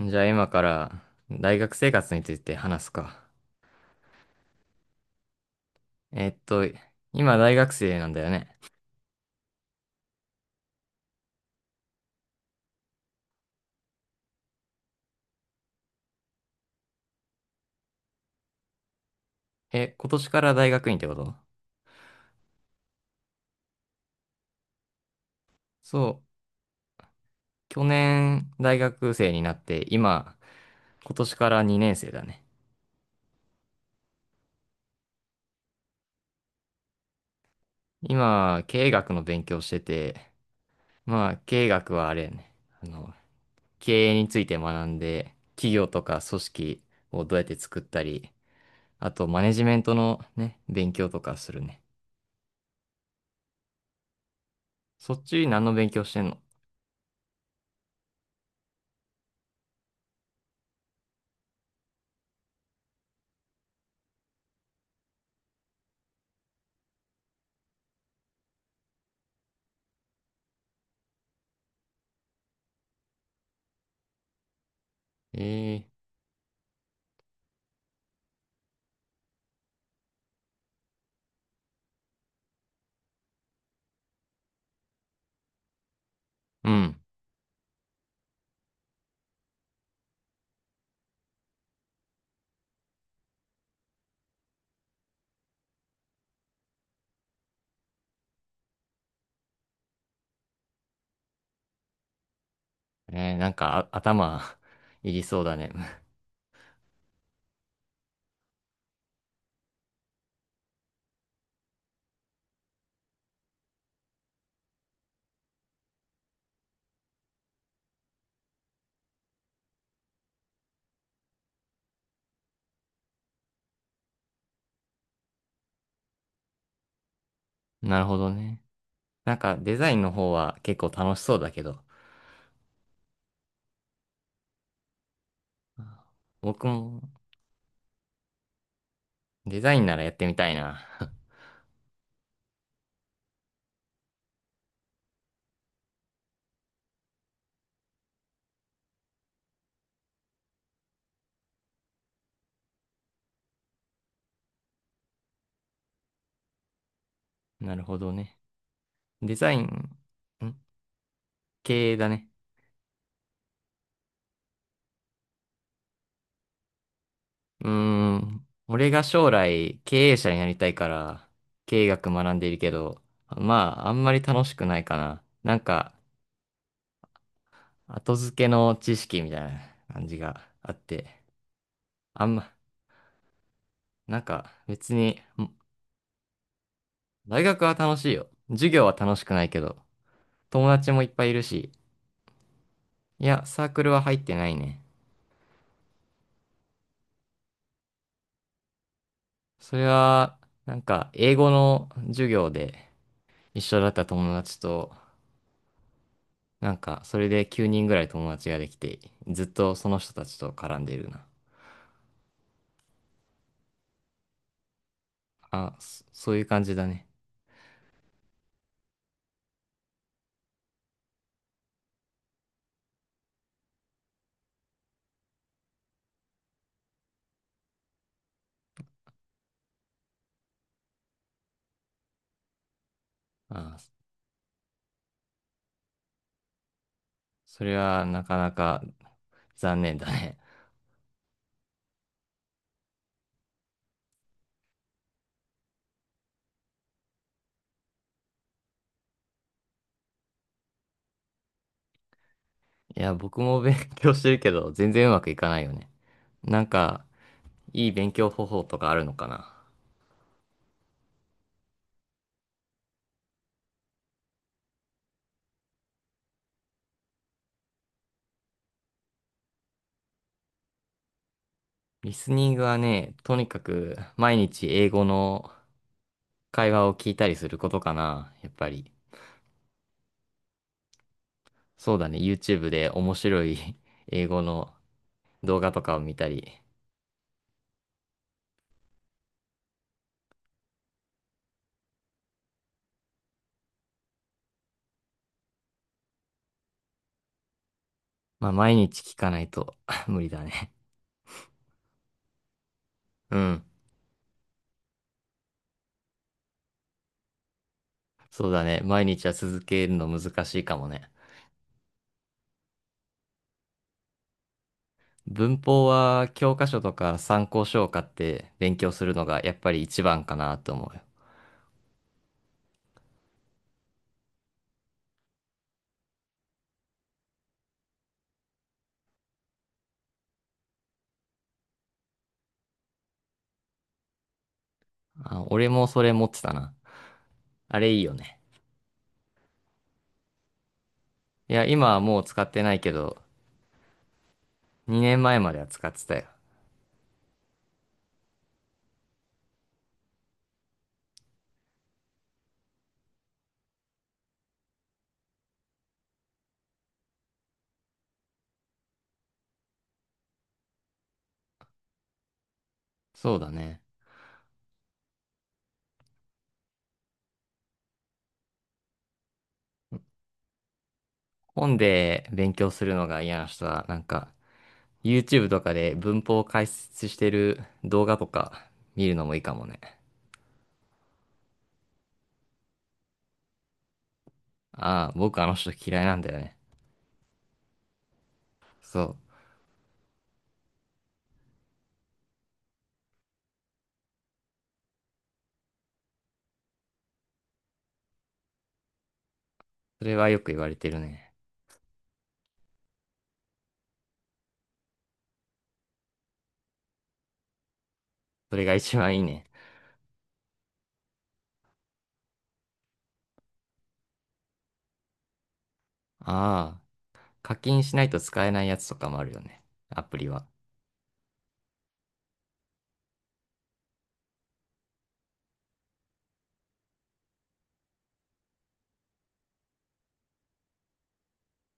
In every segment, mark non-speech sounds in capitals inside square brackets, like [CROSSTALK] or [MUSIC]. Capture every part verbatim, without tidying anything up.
じゃあ今から大学生活について話すか。えっと、今大学生なんだよね。え、今年から大学院ってこと？そう。去年大学生になって今、今年からにねん生だね。今、経営学の勉強してて、まあ経営学はあれやね。あの、経営について学んで、企業とか組織をどうやって作ったり、あとマネジメントのね、勉強とかするね。そっち何の勉強してんの？ええ、ーうん。ねえ、なんかあ頭 [LAUGHS] いりそうだね。[LAUGHS] なるほどね。なんかデザインの方は結構楽しそうだけど、僕もデザインならやってみたいな。[LAUGHS] なるほどね。デザイン、ん、経営だね。うーん。俺が将来経営者になりたいから経営学学んでいるけど、まああんまり楽しくないかな。なんか後付けの知識みたいな感じがあって、あんま、なんか別に。大学は楽しいよ。授業は楽しくないけど、友達もいっぱいいるし、いや、サークルは入ってないね。それは、なんか、英語の授業で一緒だった友達と、なんか、それできゅうにんぐらい友達ができて、ずっとその人たちと絡んでいるな。あ、そそういう感じだね。あ、それはなかなか残念だね。いや、僕も勉強してるけど、全然うまくいかないよね。なんか、いい勉強方法とかあるのかな？リスニングはね、とにかく毎日英語の会話を聞いたりすることかな、やっぱり。そうだね、YouTube で面白い [LAUGHS] 英語の動画とかを見たり。まあ毎日聞かないと [LAUGHS] 無理だね。うん。そうだね、毎日は続けるの難しいかもね。文法は教科書とか参考書を買って勉強するのがやっぱり一番かなと思うよ。あ、俺もそれ持ってたな。あれいいよね。いや、今はもう使ってないけど、にねんまえまえまでは使ってたよ。そうだね。本で勉強するのが嫌な人は、なんか、YouTube とかで文法を解説してる動画とか見るのもいいかもね。ああ、僕あの人嫌いなんだよね。そう。それはよく言われてるね。それが一番いいね。ああ、課金しないと使えないやつとかもあるよね。アプリは。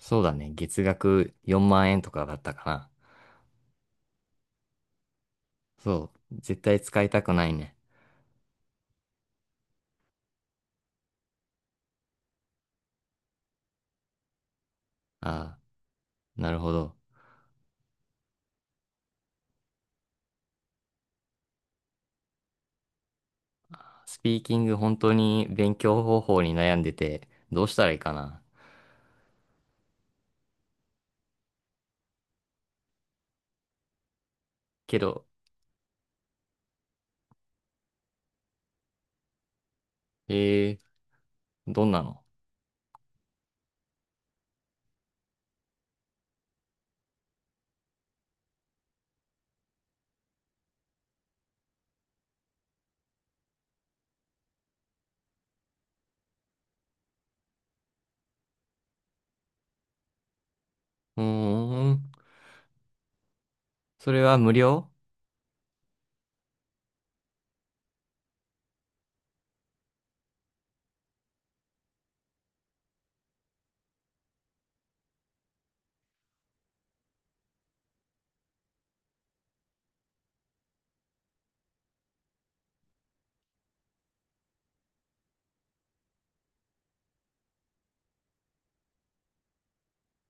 そうだね。月額よんまん円とかだったかな。そう。絶対使いたくないね。ああ、なるほど。スピーキング本当に勉強方法に悩んでて、どうしたらいいかな。けど、えー、どんなの？うーん、それは無料？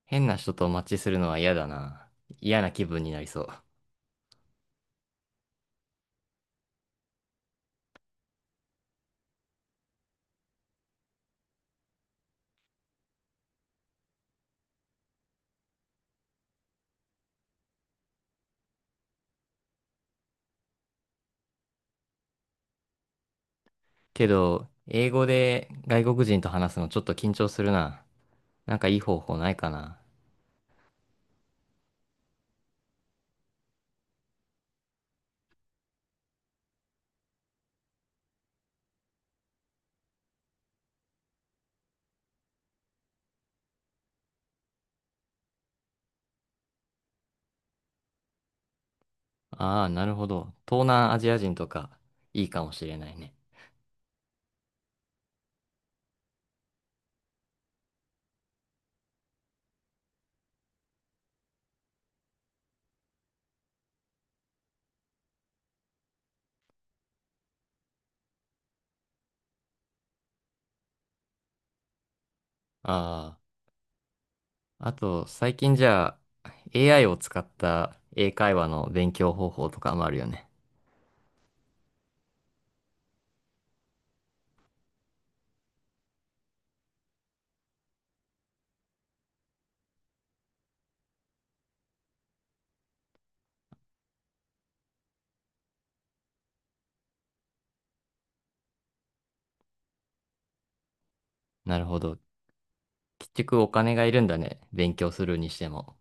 変な人とマッチするのは嫌だな。嫌な気分になりそう。けど、英語で外国人と話すのちょっと緊張するな。なんかいい方法ないかな。ああ、なるほど。東南アジア人とか、いいかもしれないね。ああ、あと、最近じゃあ、エーアイ を使った英会話の勉強方法とかもあるよね。なるほど。結局お金がいるんだね。勉強するにしても。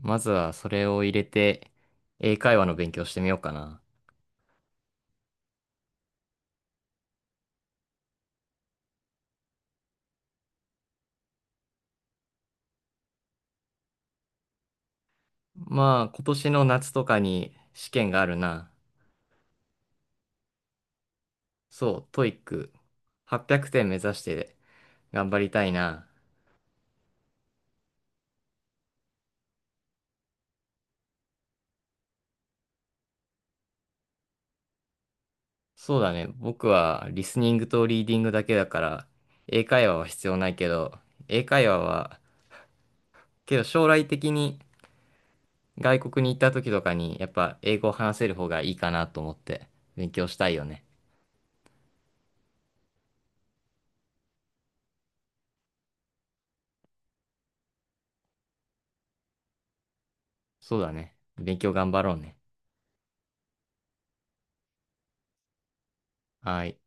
まずはそれを入れて、英会話の勉強してみようかな。まあ、今年の夏とかに試験があるな。そう、トイックはっぴゃくてんめ指して頑張りたいな。そうだね。僕はリスニングとリーディングだけだから、英会話は必要ないけど、英会話は、けど将来的に外国に行った時とかに、やっぱ英語を話せる方がいいかなと思って勉強したいよね。そうだね。勉強頑張ろうね。はい。